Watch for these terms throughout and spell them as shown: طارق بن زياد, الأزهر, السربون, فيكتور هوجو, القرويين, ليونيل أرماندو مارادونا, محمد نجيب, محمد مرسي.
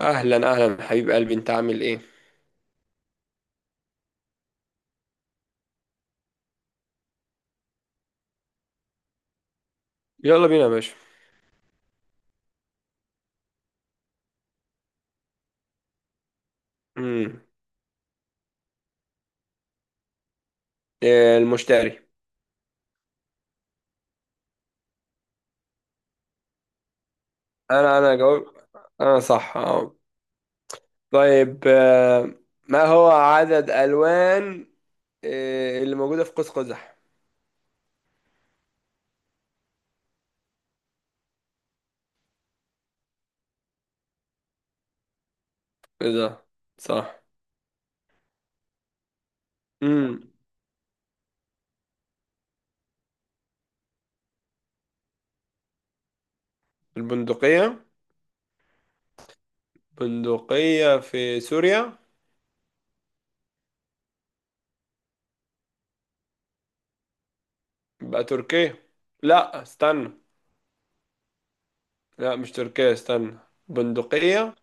اهلا اهلا حبيب قلبي، انت عامل ايه؟ يلا بينا يا باشا. امم إيه، المشتري. انا جاوب. انا صح، اه. طيب. ما هو عدد الوان اللي موجوده في قوس قزح؟ ايه ده، صح. امم البندقيه، بندقيه في سوريا. يبقى تركيا، لا استنى. لا مش تركيا، استنى. بندقيه،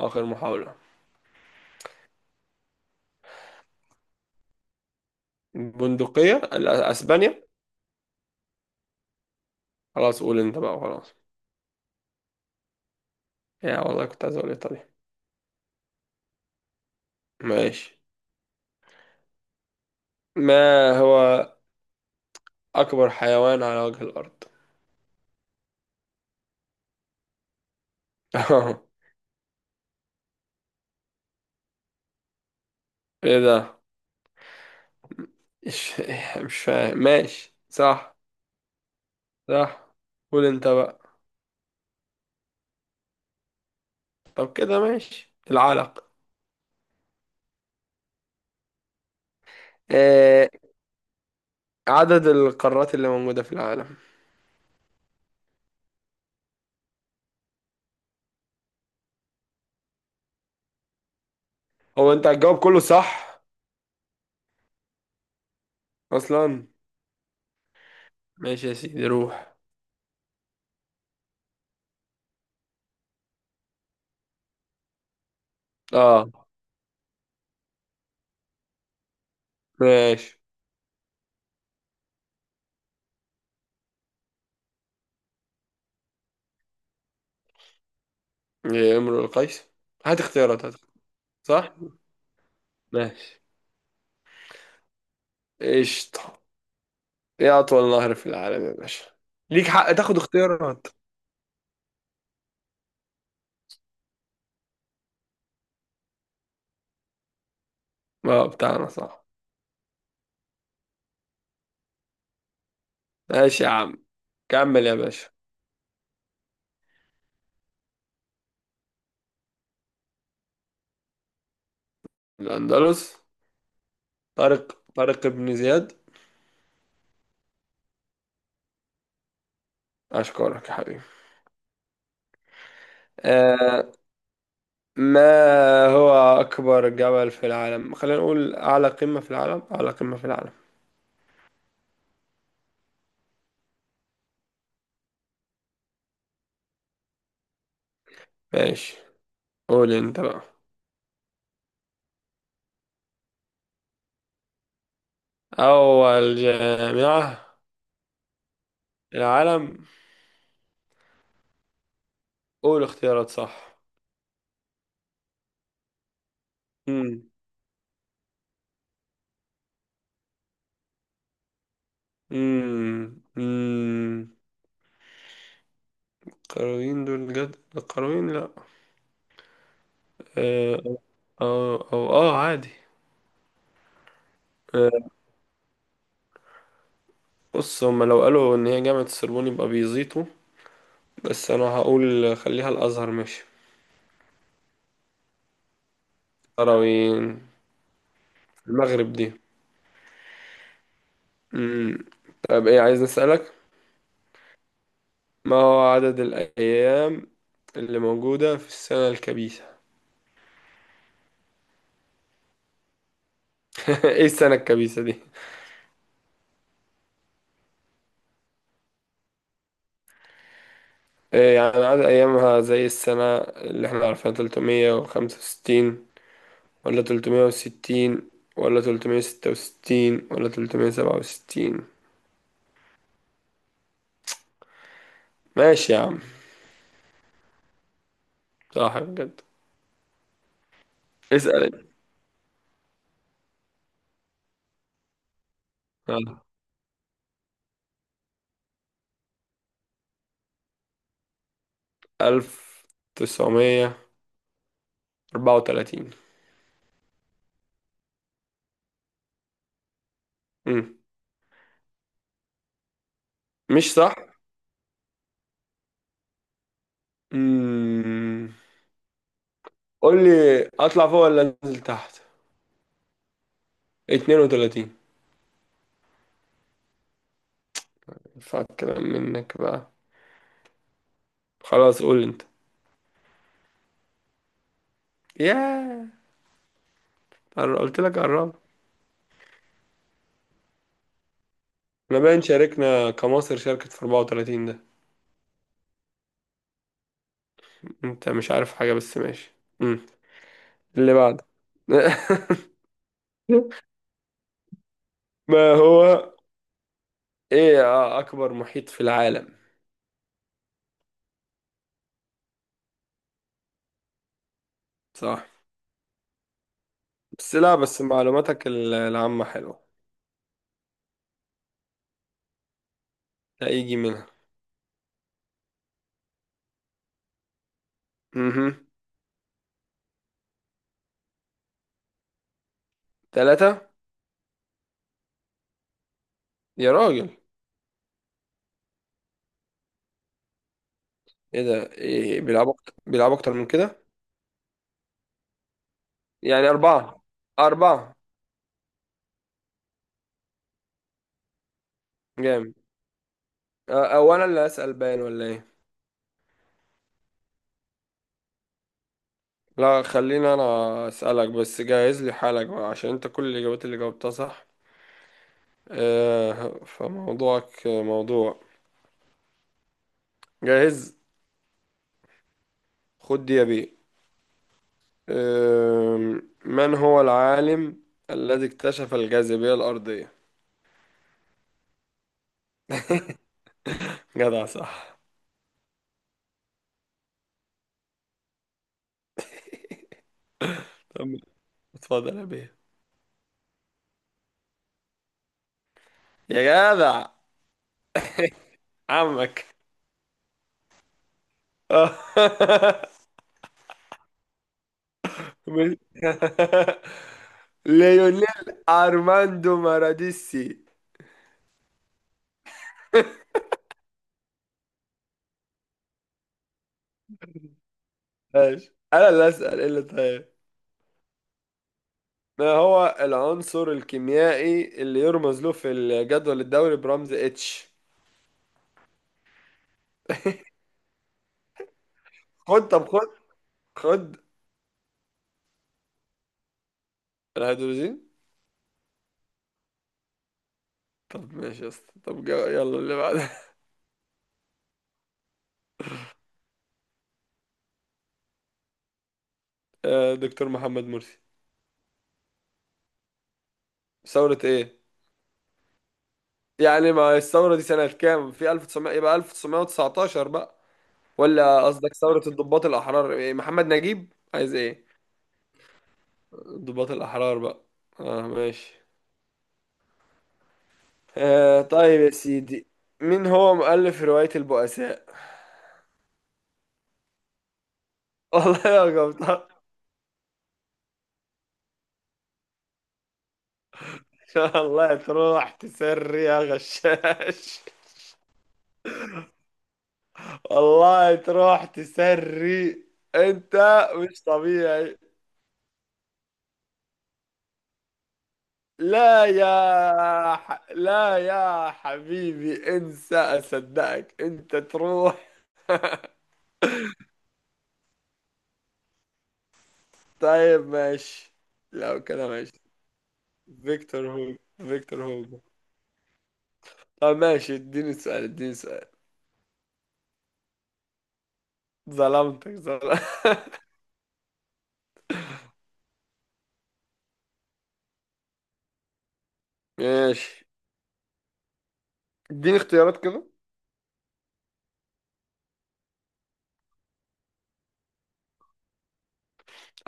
اخر محاوله. بندقيه، لا، اسبانيا. خلاص قول انت بقى، خلاص. يا والله كنت عايز اقول ايطاليا. ماشي. ما هو اكبر حيوان على وجه الارض؟ ايه ده؟ مش مش فاهم، ماشي صح. صح، قول انت بقى. طب كده ماشي، العلق. آه، عدد القارات اللي موجودة في العالم؟ هو انت هتجاوب كله صح اصلا؟ ماشي يا سيدي، روح. اه ماشي. يا امرؤ القيس، هات اختيارات هات. صح. ماشي. قشطة. ايه اطول نهر في العالم يا باشا؟ ليك حق تاخد اختيارات. اه بتاعنا، صح. ماشي يا عم، كمل يا باشا. الاندلس، طارق بن زياد. اشكرك يا حبيبي. آه، ما هو اكبر جبل في العالم؟ خلينا نقول اعلى قمة في العالم، اعلى قمة في العالم. ماشي، قول انت بقى. اول جامعة في العالم؟ قول اختيارات، صح. امم امم امم القرويين، دول جد القرويين، لا. آه، اه او اه، عادي. آه، بص هما لو قالوا ان هي جامعة السربون يبقى بيزيطوا. بس انا هقول خليها الازهر، ماشي. تراوين المغرب دي. امم طب ايه عايز نسألك. ما هو عدد الايام اللي موجودة في السنة الكبيسة؟ ايه السنة الكبيسة دي؟ إيه يعني، عدد ايامها زي السنة اللي احنا عارفينها، 365 ولا 360 ولا 366 ولا 367؟ ماشي يا عم. صح بجد. اسأل انت. يلا. 1934. امم مش صح؟ امم قول لي، اطلع فوق ولا انزل تحت؟ 32. ينفع الكلام منك بقى؟ خلاص قول انت. ياه، قلت لك قرب. احنا باين شاركنا، كمصر شاركت في 34 ده. انت مش عارف حاجة بس، ماشي. امم اللي بعد. ما هو، ايه اكبر محيط في العالم؟ صح. بس لا، بس معلوماتك العامة حلوة. هيجي منها. امم ثلاثة. يا راجل. ايه ده؟ إيه، بيلعبوا أكتر، بيلعبوا أكتر من كده؟ يعني أربعة، أربعة. جامد. أو أنا اللي أسأل باين ولا إيه؟ لا خليني أنا أسألك، بس جهز لي حالك بقى عشان أنت كل الإجابات اللي جاوبتها صح. آه، فموضوعك موضوع. جاهز. خد دي يا بيه. آه، من هو العالم الذي اكتشف الجاذبية الأرضية؟ جدع، صح. طب اتفضل يا بيه. يا جدع، عمك. آه. مش- ليونيل ارماندو ماراديسي. ماشي، انا اللي اسال ايه اللي طيب. ما هو العنصر الكيميائي اللي يرمز له في الجدول الدوري برمز اتش؟ خد طب خد خد الهيدروجين. طب ماشي يا اسطى، طب يلا اللي بعده. آه، دكتور محمد مرسي. ثورة ايه يعني؟ ما الثورة دي سنة كام، في 1900 يبقى 1919 بقى؟ ولا قصدك ثورة الضباط الأحرار، إيه، محمد نجيب عايز ايه؟ ضباط الأحرار بقى. اه ماشي. آه، طيب يا سيدي. مين هو مؤلف رواية البؤساء؟ والله يا قبطان، والله تروح تسري يا غشاش، والله تروح تسري. انت مش طبيعي. لا يا ح... لا يا حبيبي، انسى اصدقك انت، تروح. طيب ماشي، لو كده ماشي. فيكتور هوجو، فيكتور هوجو. طب ماشي، اديني سؤال. ظلمتك، ظلمتك. ماشي، اديني اختيارات كده.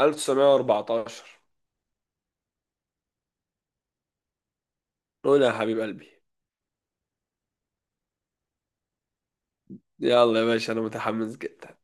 1914. قول يا حبيب قلبي. يلا يا باشا، انا متحمس جدا.